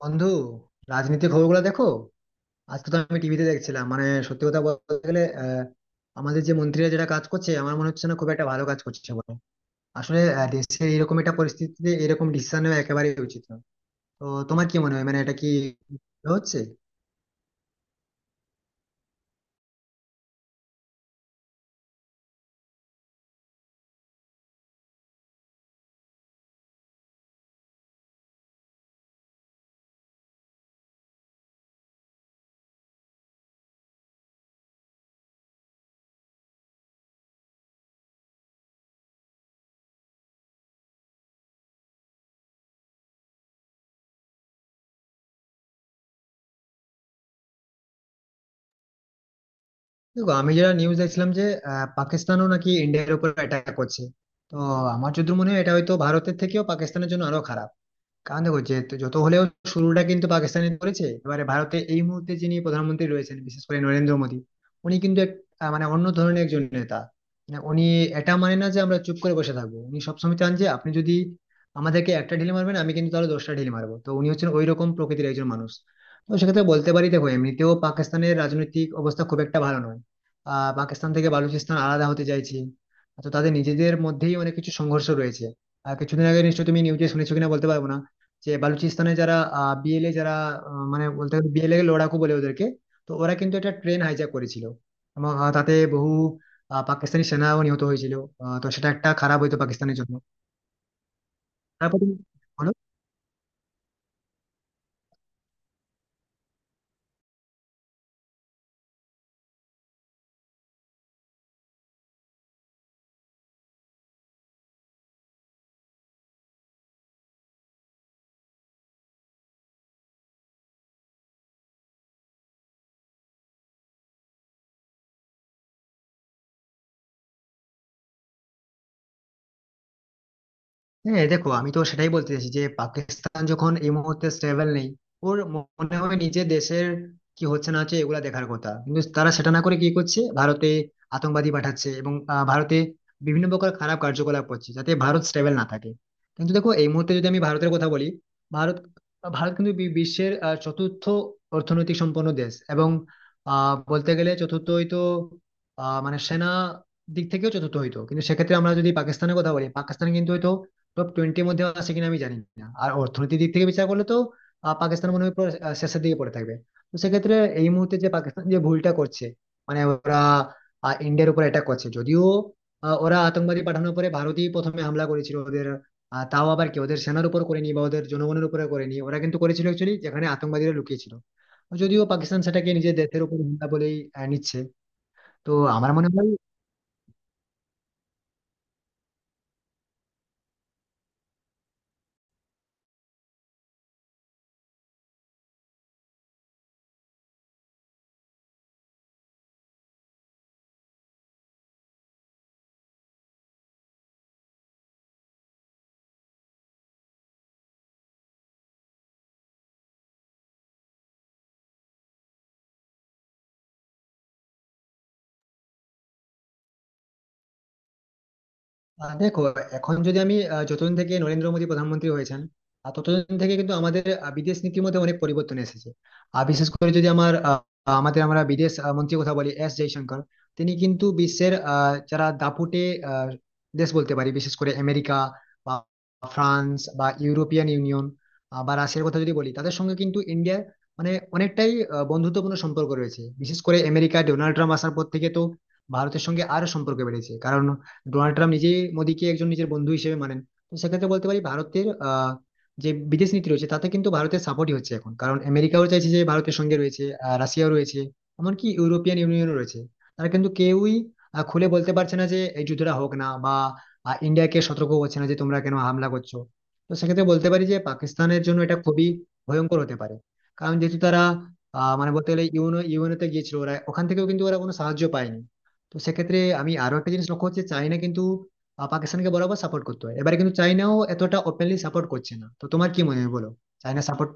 বন্ধু, রাজনীতির খবরগুলো দেখো। আজকে তো আমি টিভিতে দেখছিলাম মানে সত্যি কথা বলতে গেলে আমাদের যে মন্ত্রীরা যেটা কাজ করছে আমার মনে হচ্ছে না খুব একটা ভালো কাজ করছে বলে। আসলে দেশে এরকম একটা পরিস্থিতিতে এরকম ডিসিশন নেওয়া একেবারেই উচিত না। তো তোমার কি মনে হয় মানে এটা কি হচ্ছে? দেখো আমি যেটা নিউজ দেখছিলাম যে পাকিস্তানও নাকি ইন্ডিয়ার উপর অ্যাটাক করছে। তো আমার যদি মনে হয় এটা হয়তো ভারতের থেকেও পাকিস্তানের জন্য আরো খারাপ। কারণ দেখো যে যত হলেও শুরুটা কিন্তু পাকিস্তানি করেছে। এবারে ভারতে এই মুহূর্তে যিনি প্রধানমন্ত্রী রয়েছেন বিশেষ করে নরেন্দ্র মোদী, উনি কিন্তু এক মানে অন্য ধরনের একজন নেতা। মানে উনি এটা মানে না যে আমরা চুপ করে বসে থাকবো, উনি সবসময় চান যে আপনি যদি আমাদেরকে একটা ঢিল মারবেন আমি কিন্তু তাহলে 10টা ঢিল মারবো। তো উনি হচ্ছেন ওই রকম প্রকৃতির একজন মানুষ। তো সেক্ষেত্রে বলতে পারি, দেখো, এমনিতেও পাকিস্তানের রাজনৈতিক অবস্থা খুব একটা ভালো নয়। পাকিস্তান থেকে বালুচিস্তান আলাদা হতে চাইছে। তো তাদের নিজেদের মধ্যেই অনেক কিছু সংঘর্ষ রয়েছে। কিছুদিন আগে নিশ্চয়ই তুমি নিউজে শুনেছো কিনা বলতে পারবো না যে বালুচিস্তানে যারা বিএলএ যারা মানে বলতে গেলে বিএলএ লড়াকু বলে ওদেরকে। তো ওরা কিন্তু একটা ট্রেন হাইজ্যাক করেছিল এবং তাতে বহু পাকিস্তানি সেনাও নিহত হয়েছিল। তো সেটা একটা খারাপ হইতো পাকিস্তানের জন্য। তারপর তুমি বলো। হ্যাঁ দেখো আমি তো সেটাই বলতে চাইছি যে পাকিস্তান যখন এই মুহূর্তে স্টেবল নেই। ওর মনে হয় নিজের দেশের কি হচ্ছে না হচ্ছে এগুলা দেখার কথা, কিন্তু তারা সেটা না করে কি করছে, ভারতে আতঙ্কবাদী পাঠাচ্ছে এবং ভারতে বিভিন্ন প্রকার খারাপ কার্যকলাপ করছে যাতে ভারত স্টেবল না থাকে। কিন্তু দেখো এই মুহূর্তে যদি আমি ভারতের কথা বলি, ভারত ভারত কিন্তু বিশ্বের চতুর্থ অর্থনৈতিক সম্পন্ন দেশ। এবং বলতে গেলে চতুর্থ হয়তো মানে সেনা দিক থেকেও চতুর্থ হইতো। কিন্তু সেক্ষেত্রে আমরা যদি পাকিস্তানের কথা বলি পাকিস্তান কিন্তু হয়তো টপ টোয়েন্টির মধ্যে আসে কিনা আমি জানি না। আর অর্থনীতির দিক থেকে বিচার করলে তো পাকিস্তান মনে হয় পুরো শেষের দিকে পড়ে থাকবে। তো সেক্ষেত্রে এই মুহূর্তে যে পাকিস্তান যে ভুলটা করছে মানে ওরা ইন্ডিয়ার উপর অ্যাটাক করছে, যদিও ওরা আতঙ্কবাদী পাঠানোর পরে ভারতই প্রথমে হামলা করেছিল ওদের। তাও আবার কি ওদের সেনার উপর করেনি বা ওদের জনগণের উপরে করেনি, ওরা কিন্তু করেছিল অ্যাকচুয়ালি যেখানে আতঙ্কবাদীরা লুকিয়েছিল। যদিও পাকিস্তান সেটাকে নিজের দেশের উপর হামলা বলেই নিচ্ছে। তো আমার মনে হয় দেখো এখন যদি আমি যতদিন থেকে নরেন্দ্র মোদী প্রধানমন্ত্রী হয়েছেন ততদিন থেকে কিন্তু আমাদের বিদেশ নীতির মধ্যে অনেক পরিবর্তন এসেছে। আর বিশেষ করে যদি আমার আমরা বিদেশ মন্ত্রীর কথা বলি এস জয়শঙ্কর। তিনি কিন্তু বিশ্বের যারা দাপুটে আহ, দেশ বলতে পারি বিশেষ করে আমেরিকা বা ফ্রান্স বা ইউরোপিয়ান ইউনিয়ন বা রাশিয়ার কথা যদি বলি তাদের সঙ্গে কিন্তু ইন্ডিয়ার মানে অনেকটাই বন্ধুত্বপূর্ণ সম্পর্ক রয়েছে। বিশেষ করে আমেরিকা, ডোনাল্ড ট্রাম্প আসার পর থেকে তো ভারতের সঙ্গে আরো সম্পর্ক বেড়েছে, কারণ ডোনাল্ড ট্রাম্প নিজেই মোদীকে একজন নিজের বন্ধু হিসেবে মানেন। তো সেক্ষেত্রে বলতে পারি ভারতের যে বিদেশ নীতি রয়েছে তাতে কিন্তু ভারতের সাপোর্টই হচ্ছে এখন, কারণ আমেরিকাও চাইছে যে ভারতের সঙ্গে রয়েছে, রাশিয়াও রয়েছে, এমনকি ইউরোপিয়ান ইউনিয়নও রয়েছে। তারা কিন্তু কেউই খুলে বলতে পারছে না যে এই যুদ্ধটা হোক না বা ইন্ডিয়াকে সতর্ক করছে না যে তোমরা কেন হামলা করছো। তো সেক্ষেত্রে বলতে পারি যে পাকিস্তানের জন্য এটা খুবই ভয়ঙ্কর হতে পারে। কারণ যেহেতু তারা মানে বলতে গেলে ইউএনওতে গিয়েছিল, ওরা ওখান থেকেও কিন্তু ওরা কোনো সাহায্য পায়নি। তো সেক্ষেত্রে আমি আরো একটা জিনিস লক্ষ্য হচ্ছে, চায়না কিন্তু পাকিস্তানকে বরাবর সাপোর্ট করতে হয়, এবারে কিন্তু চায়নাও এতটা ওপেনলি সাপোর্ট করছে না। তো তোমার কি মনে হয় বলো, চায়না সাপোর্ট?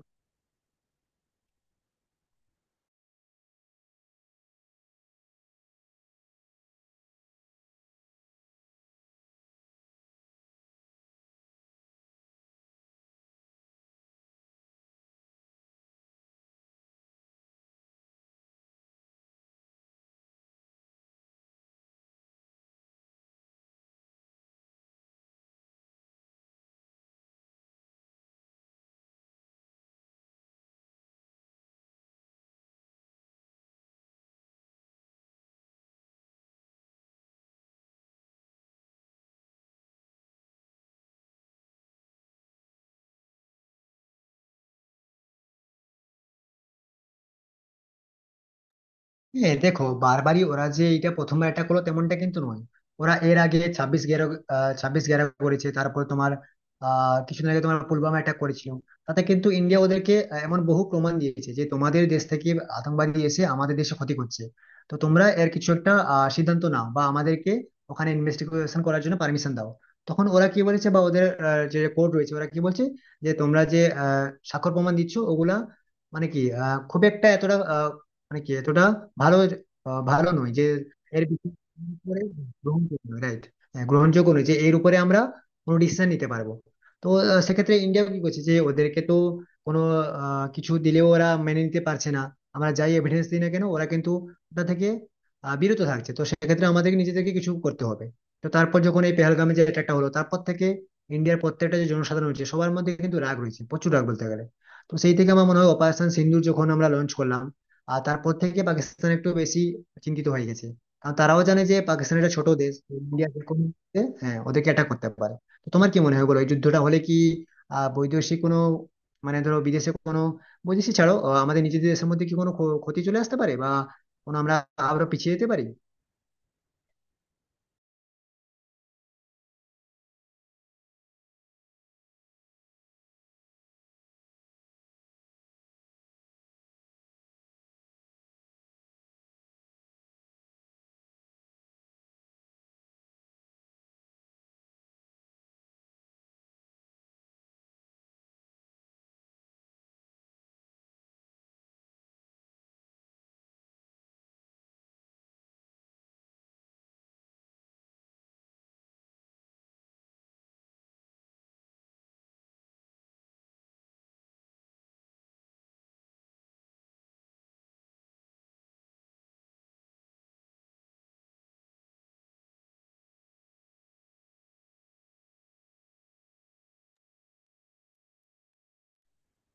হ্যাঁ দেখো বারবারই ওরা যে এটা প্রথমবার এটা করলো তেমনটা কিন্তু নয়। ওরা এর আগে ছাব্বিশ গ্যারো করেছে। তারপর তোমার কিছুদিন আগে তোমার পুলওয়ামা অ্যাটাক করেছিল। তাতে কিন্তু ইন্ডিয়া ওদেরকে এমন বহু প্রমাণ দিয়েছে যে তোমাদের দেশ থেকে আতঙ্কবাদী এসে আমাদের দেশে ক্ষতি করছে। তো তোমরা এর কিছু একটা সিদ্ধান্ত নাও বা আমাদেরকে ওখানে ইনভেস্টিগেশন করার জন্য পারমিশন দাও। তখন ওরা কি বলেছে বা ওদের যে কোর্ট রয়েছে ওরা কি বলছে যে তোমরা যে স্বাক্ষর প্রমাণ দিচ্ছ ওগুলা মানে কি খুব একটা এতটা মানে কি এতটা ভালো ভালো নয় যে এর বিষয়ে উপরে গ্রহণযোগ্য নয়, রাইট? হ্যাঁ গ্রহণযোগ্য নয় যে এর উপরে আমরা কোনো ডিসিশন নিতে পারবো। তো সেক্ষেত্রে ইন্ডিয়া কি করছে যে ওদেরকে তো কোনো কিছু দিলেও ওরা মেনে নিতে পারছে না, আমরা যাই এভিডেন্স দিই না কেন ওরা কিন্তু ওটা থেকে বিরত থাকছে। তো সেক্ষেত্রে আমাদেরকে নিজেদেরকে কিছু করতে হবে। তো তারপর যখন এই পেহেলগামে যে অ্যাটাকটা হলো তারপর থেকে ইন্ডিয়ার প্রত্যেকটা যে জনসাধারণ রয়েছে সবার মধ্যে কিন্তু রাগ রয়েছে, প্রচুর রাগ বলতে গেলে। তো সেই থেকে আমার মনে হয় অপারেশন সিন্দুর যখন আমরা লঞ্চ করলাম, আর তারপর থেকে পাকিস্তান একটু বেশি চিন্তিত হয়ে গেছে। কারণ তারাও জানে যে পাকিস্তান একটা ছোট দেশ, ইন্ডিয়া যেরকম দেশে, হ্যাঁ ওদেরকে অ্যাটাক করতে পারে। তো তোমার কি মনে হয় বলো এই যুদ্ধটা হলে কি বৈদেশিক কোনো মানে ধরো বিদেশে কোনো বৈদেশিক ছাড়ো আমাদের নিজেদের দেশের মধ্যে কি কোনো ক্ষতি চলে আসতে পারে বা কোনো আমরা আরো পিছিয়ে যেতে পারি?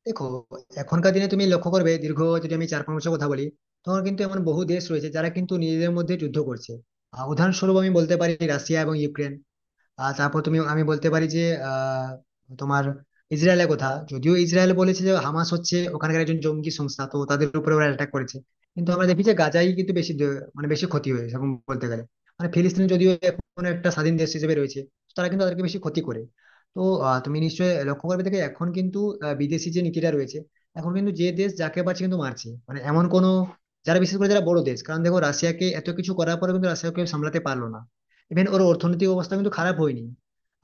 দেখো এখনকার দিনে তুমি লক্ষ্য করবে, দীর্ঘ যদি আমি 4-5 বছর কথা বলি তখন কিন্তু এমন বহু দেশ রয়েছে যারা কিন্তু নিজেদের মধ্যে যুদ্ধ করছে। উদাহরণস্বরূপ আমি বলতে পারি রাশিয়া এবং ইউক্রেন। তারপর আমি বলতে পারি যে আহ তোমার ইসরায়েলের কথা, যদিও ইসরায়েল বলেছে যে হামাস হচ্ছে ওখানকার একজন জঙ্গি সংস্থা তো তাদের উপরে ওরা অ্যাটাক করেছে। কিন্তু আমরা দেখি যে গাজায় কিন্তু মানে বেশি ক্ষতি হয়েছে সেরকম বলতে গেলে। মানে ফিলিস্তিন যদিও এখন একটা স্বাধীন দেশ হিসেবে রয়েছে, তারা কিন্তু তাদেরকে বেশি ক্ষতি করে। তো তুমি নিশ্চয়ই লক্ষ্য করবে দেখে এখন কিন্তু বিদেশি যে নীতিটা রয়েছে এখন কিন্তু যে দেশ যাকে পারছে কিন্তু মারছে মানে এমন কোনো যারা বিশেষ করে যারা বড় দেশ। কারণ দেখো রাশিয়াকে এত কিছু করার পরে কিন্তু রাশিয়াকে সামলাতে পারলো না। ইভেন ওর অর্থনৈতিক অবস্থা কিন্তু খারাপ হয়নি।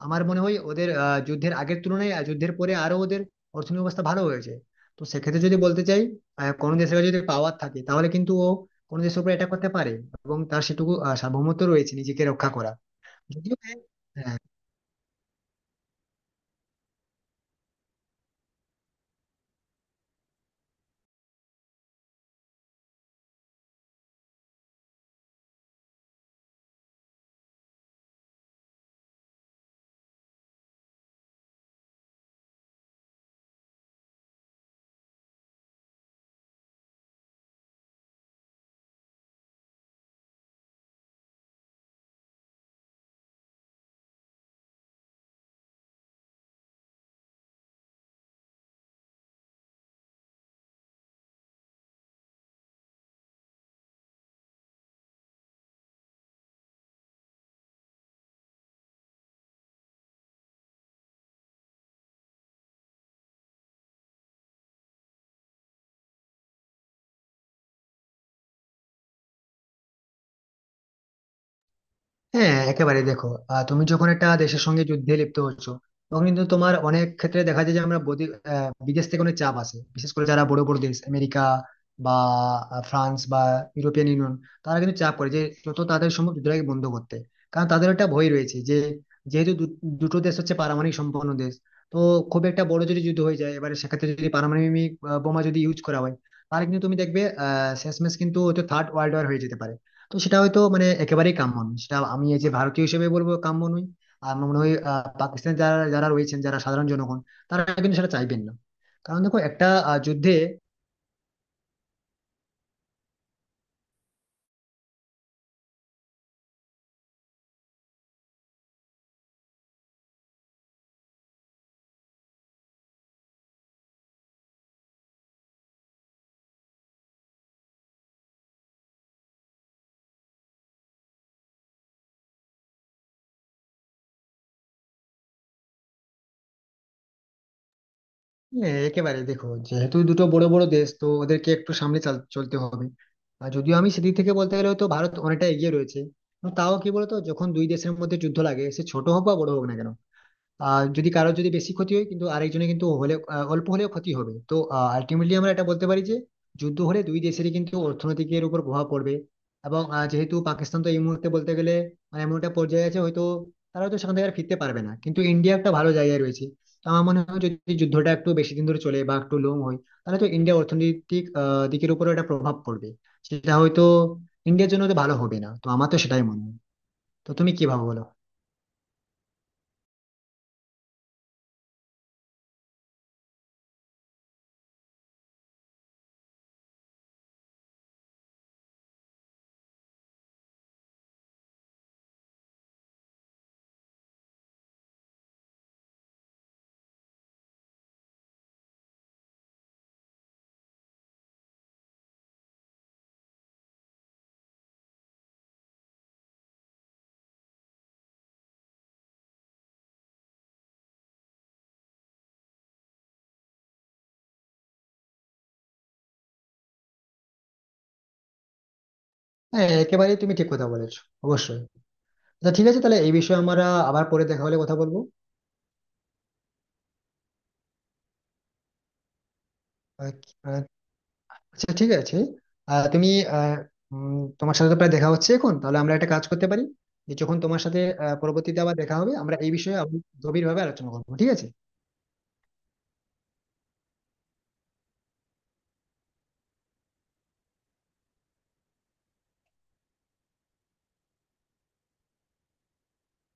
আমার মনে হয় ওদের যুদ্ধের আগের তুলনায় আর যুদ্ধের পরে আরো ওদের অর্থনৈতিক অবস্থা ভালো হয়েছে। তো সেক্ষেত্রে যদি বলতে চাই কোনো দেশের কাছে যদি পাওয়ার থাকে তাহলে কিন্তু ও কোনো দেশের উপর এটা করতে পারে, এবং তার সেটুকু সার্বভৌমত্ব রয়েছে নিজেকে রক্ষা করা। যদিও হ্যাঁ, হ্যাঁ, একেবারে দেখো তুমি যখন একটা দেশের সঙ্গে যুদ্ধে লিপ্ত হচ্ছ তখন কিন্তু তোমার অনেক ক্ষেত্রে দেখা যায় যে আমরা বিদেশ থেকে অনেক চাপ আসে বিশেষ করে যারা বড় বড় দেশ আমেরিকা বা ফ্রান্স বা ইউরোপিয়ান ইউনিয়ন। তারা কিন্তু চাপ করে যে যত তাড়াতাড়ি সম্ভব যুদ্ধটাকে বন্ধ করতে। কারণ তাদের একটা ভয় রয়েছে যে যেহেতু দুটো দেশ হচ্ছে পারমাণবিক সম্পন্ন দেশ। তো খুব একটা বড় যদি যুদ্ধ হয়ে যায় এবারে সেক্ষেত্রে যদি পারমাণবিক বোমা যদি ইউজ করা হয় তাহলে কিন্তু তুমি দেখবে শেষমেশ কিন্তু হয়তো থার্ড ওয়ার্ল্ড ওয়ার হয়ে যেতে পারে। তো সেটা হয়তো মানে একেবারেই কাম্য নয়, সেটা আমি এই যে ভারতীয় হিসেবে বলবো কাম্য নয়। আর আমার মনে হয় পাকিস্তানে যারা যারা রয়েছেন যারা সাধারণ জনগণ তারা কিন্তু সেটা চাইবেন না। কারণ দেখো একটা যুদ্ধে। হ্যাঁ, একেবারে দেখো যেহেতু দুটো বড় বড় দেশ তো ওদেরকে একটু সামনে চলতে হবে। আর যদিও আমি সেদিক থেকে বলতে গেলে হয়তো ভারত অনেকটা এগিয়ে রয়েছে, কিন্তু তাও কি বলতো যখন দুই দেশের মধ্যে যুদ্ধ লাগে সে ছোট হোক বা বড় হোক না কেন, আর যদি কারোর যদি বেশি ক্ষতি হয় কিন্তু আরেকজনের কিন্তু হলে অল্প হলেও ক্ষতি হবে। তো আলটিমেটলি আমরা এটা বলতে পারি যে যুদ্ধ হলে দুই দেশেরই কিন্তু অর্থনীতির উপর প্রভাব পড়বে। এবং যেহেতু পাকিস্তান তো এই মুহূর্তে বলতে গেলে মানে এমন একটা পর্যায়ে আছে হয়তো তারা হয়তো সেখান থেকে আর ফিরতে পারবে না, কিন্তু ইন্ডিয়া একটা ভালো জায়গায় রয়েছে। তো আমার মনে হয় যদি যুদ্ধটা একটু বেশি দিন ধরে চলে বা একটু লং হয় তাহলে তো ইন্ডিয়া অর্থনৈতিক দিকের উপরও একটা প্রভাব পড়বে। সেটা হয়তো ইন্ডিয়ার জন্য তো ভালো হবে না, তো আমার তো সেটাই মনে হয়। তো তুমি কি ভাবো বলো? হ্যাঁ একেবারেই তুমি ঠিক কথা বলেছো, অবশ্যই। আচ্ছা ঠিক আছে তাহলে এই বিষয়ে আমরা আবার পরে দেখা হলে কথা বলবো। আহ, আহ, আচ্ছা ঠিক আছে। আহ, তুমি আহ, উম, তোমার সাথে তো প্রায় দেখা হচ্ছে এখন তাহলে আমরা একটা কাজ করতে পারি যে যখন তোমার সাথে পরবর্তীতে আবার দেখা হবে আমরা এই বিষয়ে আবার গভীরভাবে আলোচনা করবো, ঠিক আছে?